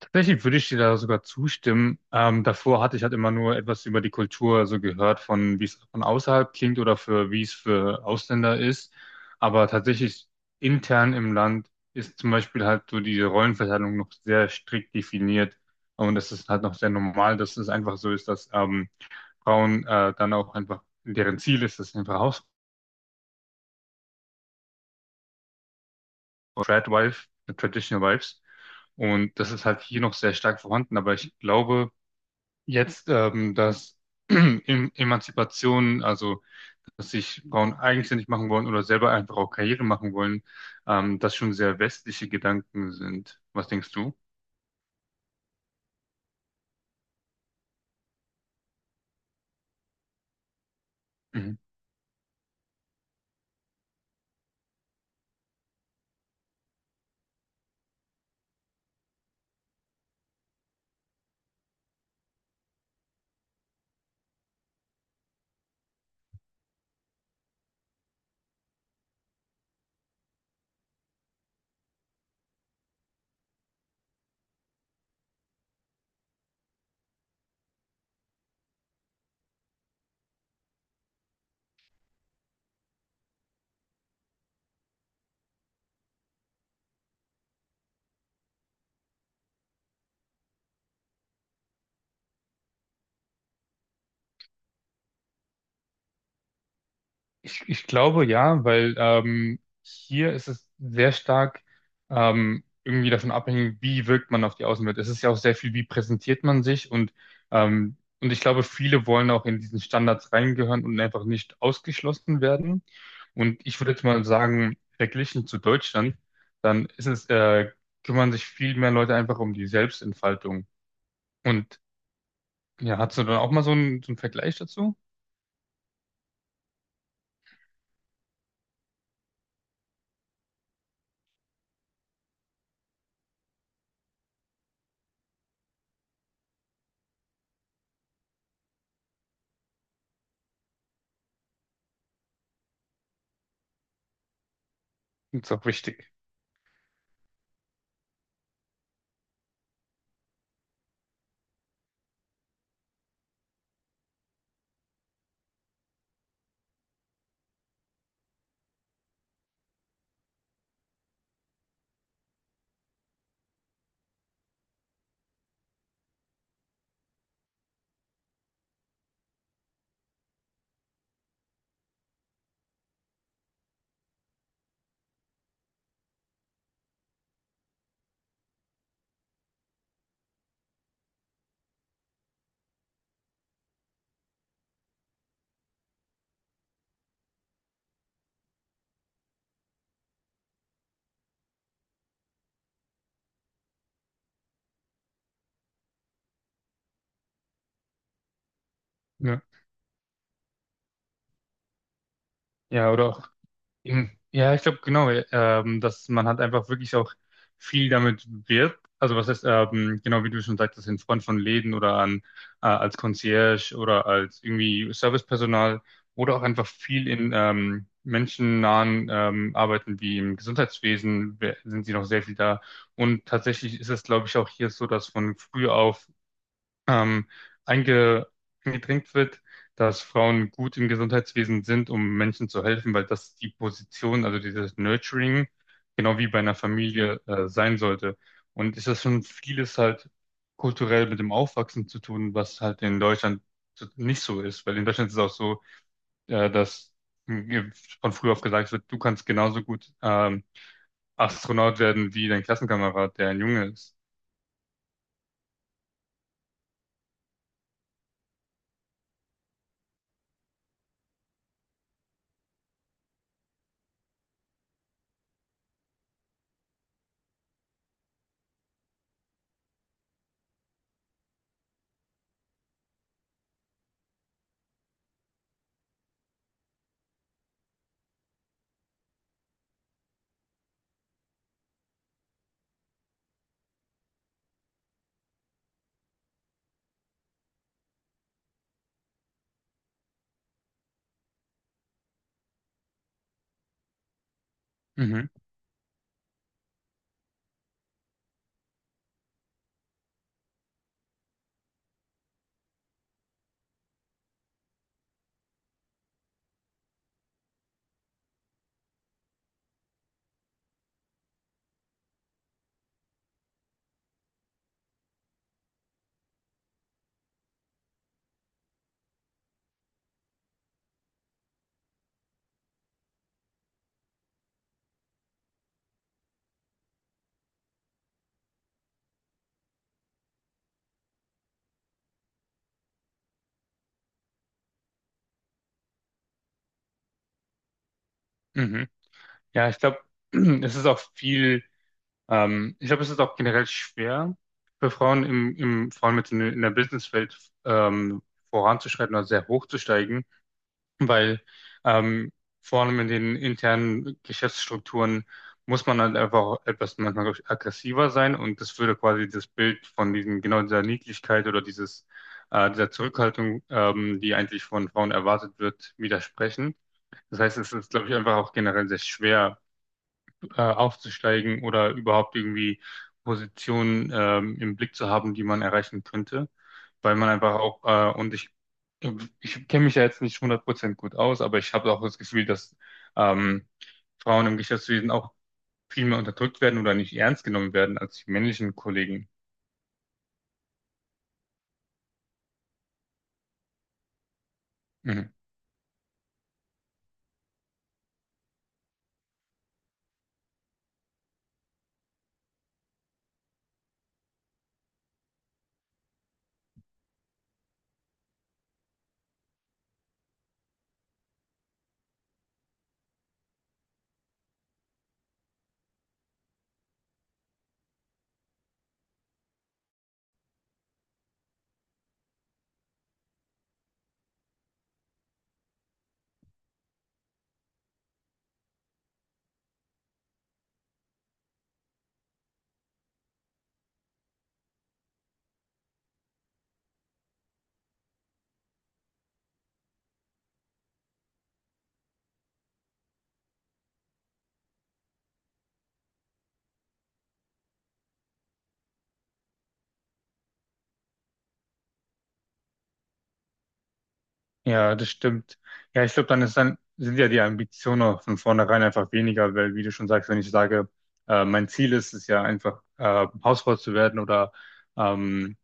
Tatsächlich würde ich dir da sogar zustimmen. Davor hatte ich halt immer nur etwas über die Kultur so gehört, von wie es von außerhalb klingt oder für wie es für Ausländer ist. Aber tatsächlich intern im Land ist zum Beispiel halt so diese Rollenverteilung noch sehr strikt definiert. Und es ist halt noch sehr normal, dass es einfach so ist, dass Frauen dann auch einfach, deren Ziel ist, das sind einfach Hausfrauen, Tradwife, Traditional Wives. Und das ist halt hier noch sehr stark vorhanden. Aber ich glaube, jetzt, dass Emanzipation, also dass sich Frauen eigenständig machen wollen oder selber einfach auch Karriere machen wollen, das schon sehr westliche Gedanken sind. Was denkst du? Ich glaube ja, weil hier ist es sehr stark irgendwie davon abhängig, wie wirkt man auf die Außenwelt. Es ist ja auch sehr viel, wie präsentiert man sich, und ich glaube, viele wollen auch in diesen Standards reingehören und einfach nicht ausgeschlossen werden. Und ich würde jetzt mal sagen, verglichen zu Deutschland, dann ist es kümmern sich viel mehr Leute einfach um die Selbstentfaltung. Und ja, hast du dann auch mal so einen Vergleich dazu? Ist auch wichtig. Ja, ja, oder auch. Eben. Ja, ich glaube genau, dass man halt einfach wirklich auch viel damit wirbt. Also was heißt, genau wie du schon sagtest, in Front von Läden oder an, als Concierge oder als irgendwie Servicepersonal oder auch einfach viel in menschennahen Arbeiten wie im Gesundheitswesen sind sie noch sehr viel da. Und tatsächlich ist es, glaube ich, auch hier so, dass von früh auf ähm, einge eingedrängt wird, dass Frauen gut im Gesundheitswesen sind, um Menschen zu helfen, weil das die Position, also dieses Nurturing, genau wie bei einer Familie, sein sollte. Und es ist schon vieles halt kulturell mit dem Aufwachsen zu tun, was halt in Deutschland nicht so ist, weil in Deutschland ist es auch so, dass mh, von früh auf gesagt wird, du kannst genauso gut Astronaut werden wie dein Klassenkamerad, der ein Junge ist. Mhm, mhm. Ja, ich glaube, es ist auch viel ich glaube, es ist auch generell schwer für Frauen im vor allem jetzt in der Businesswelt ähm, voranzuschreiten oder sehr hochzusteigen, weil ähm, vor allem in den internen Geschäftsstrukturen muss man halt einfach auch etwas manchmal, glaub ich, aggressiver sein, und das würde quasi das Bild von diesen, genau dieser Niedlichkeit oder dieses dieser Zurückhaltung, die eigentlich von Frauen erwartet wird, widersprechen. Das heißt, es ist, glaube ich, einfach auch generell sehr schwer aufzusteigen oder überhaupt irgendwie Positionen im Blick zu haben, die man erreichen könnte, weil man einfach auch, ich kenne mich ja jetzt nicht hundert Prozent gut aus, aber ich habe auch das Gefühl, dass ähm, Frauen im Geschäftswesen auch viel mehr unterdrückt werden oder nicht ernst genommen werden als die männlichen Kollegen. Mhm. Ja, das stimmt. Ja, ich glaube, dann ist dann, sind ja die Ambitionen auch von vornherein einfach weniger, weil, wie du schon sagst, wenn ich sage, mein Ziel ist es ja einfach, Hausfrau zu werden oder, ähm,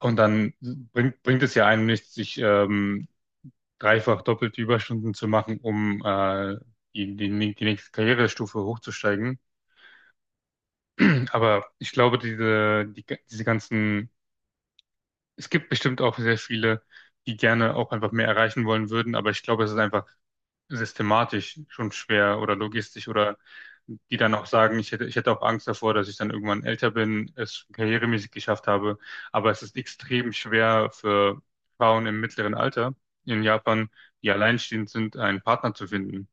und dann bringt es ja einem nichts, sich, dreifach doppelte Überstunden zu machen, um, die nächste Karrierestufe hochzusteigen. Aber ich glaube, diese ganzen, es gibt bestimmt auch sehr viele, die gerne auch einfach mehr erreichen wollen würden, aber ich glaube, es ist einfach systematisch schon schwer oder logistisch, oder die dann auch sagen, ich hätte auch Angst davor, dass ich dann irgendwann älter bin, es karrieremäßig geschafft habe. Aber es ist extrem schwer für Frauen im mittleren Alter in Japan, die alleinstehend sind, einen Partner zu finden.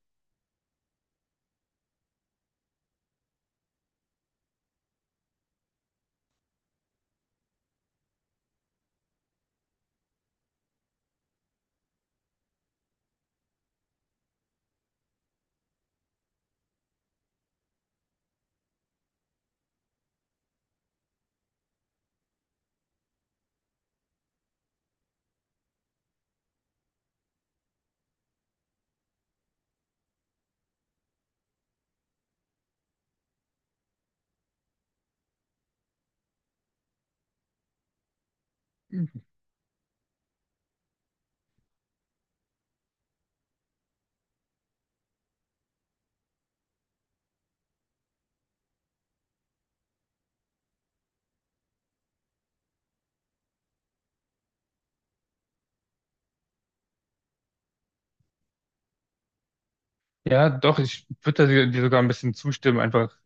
Ja, doch, ich würde dir sogar ein bisschen zustimmen. Einfach,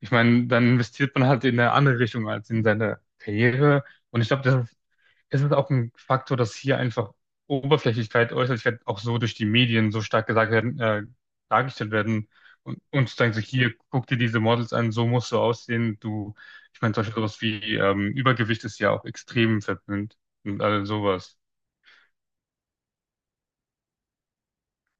ich meine, dann investiert man halt in eine andere Richtung als in seine Karriere. Und ich glaube, das es ist es auch ein Faktor, dass hier einfach Oberflächlichkeit, Äußerlichkeit auch so durch die Medien so stark gesagt werden, dargestellt werden, und uns sagen so, hier, guck dir diese Models an, so musst du aussehen. Du, ich meine, zum Beispiel sowas wie Übergewicht ist ja auch extrem verpönt und all sowas.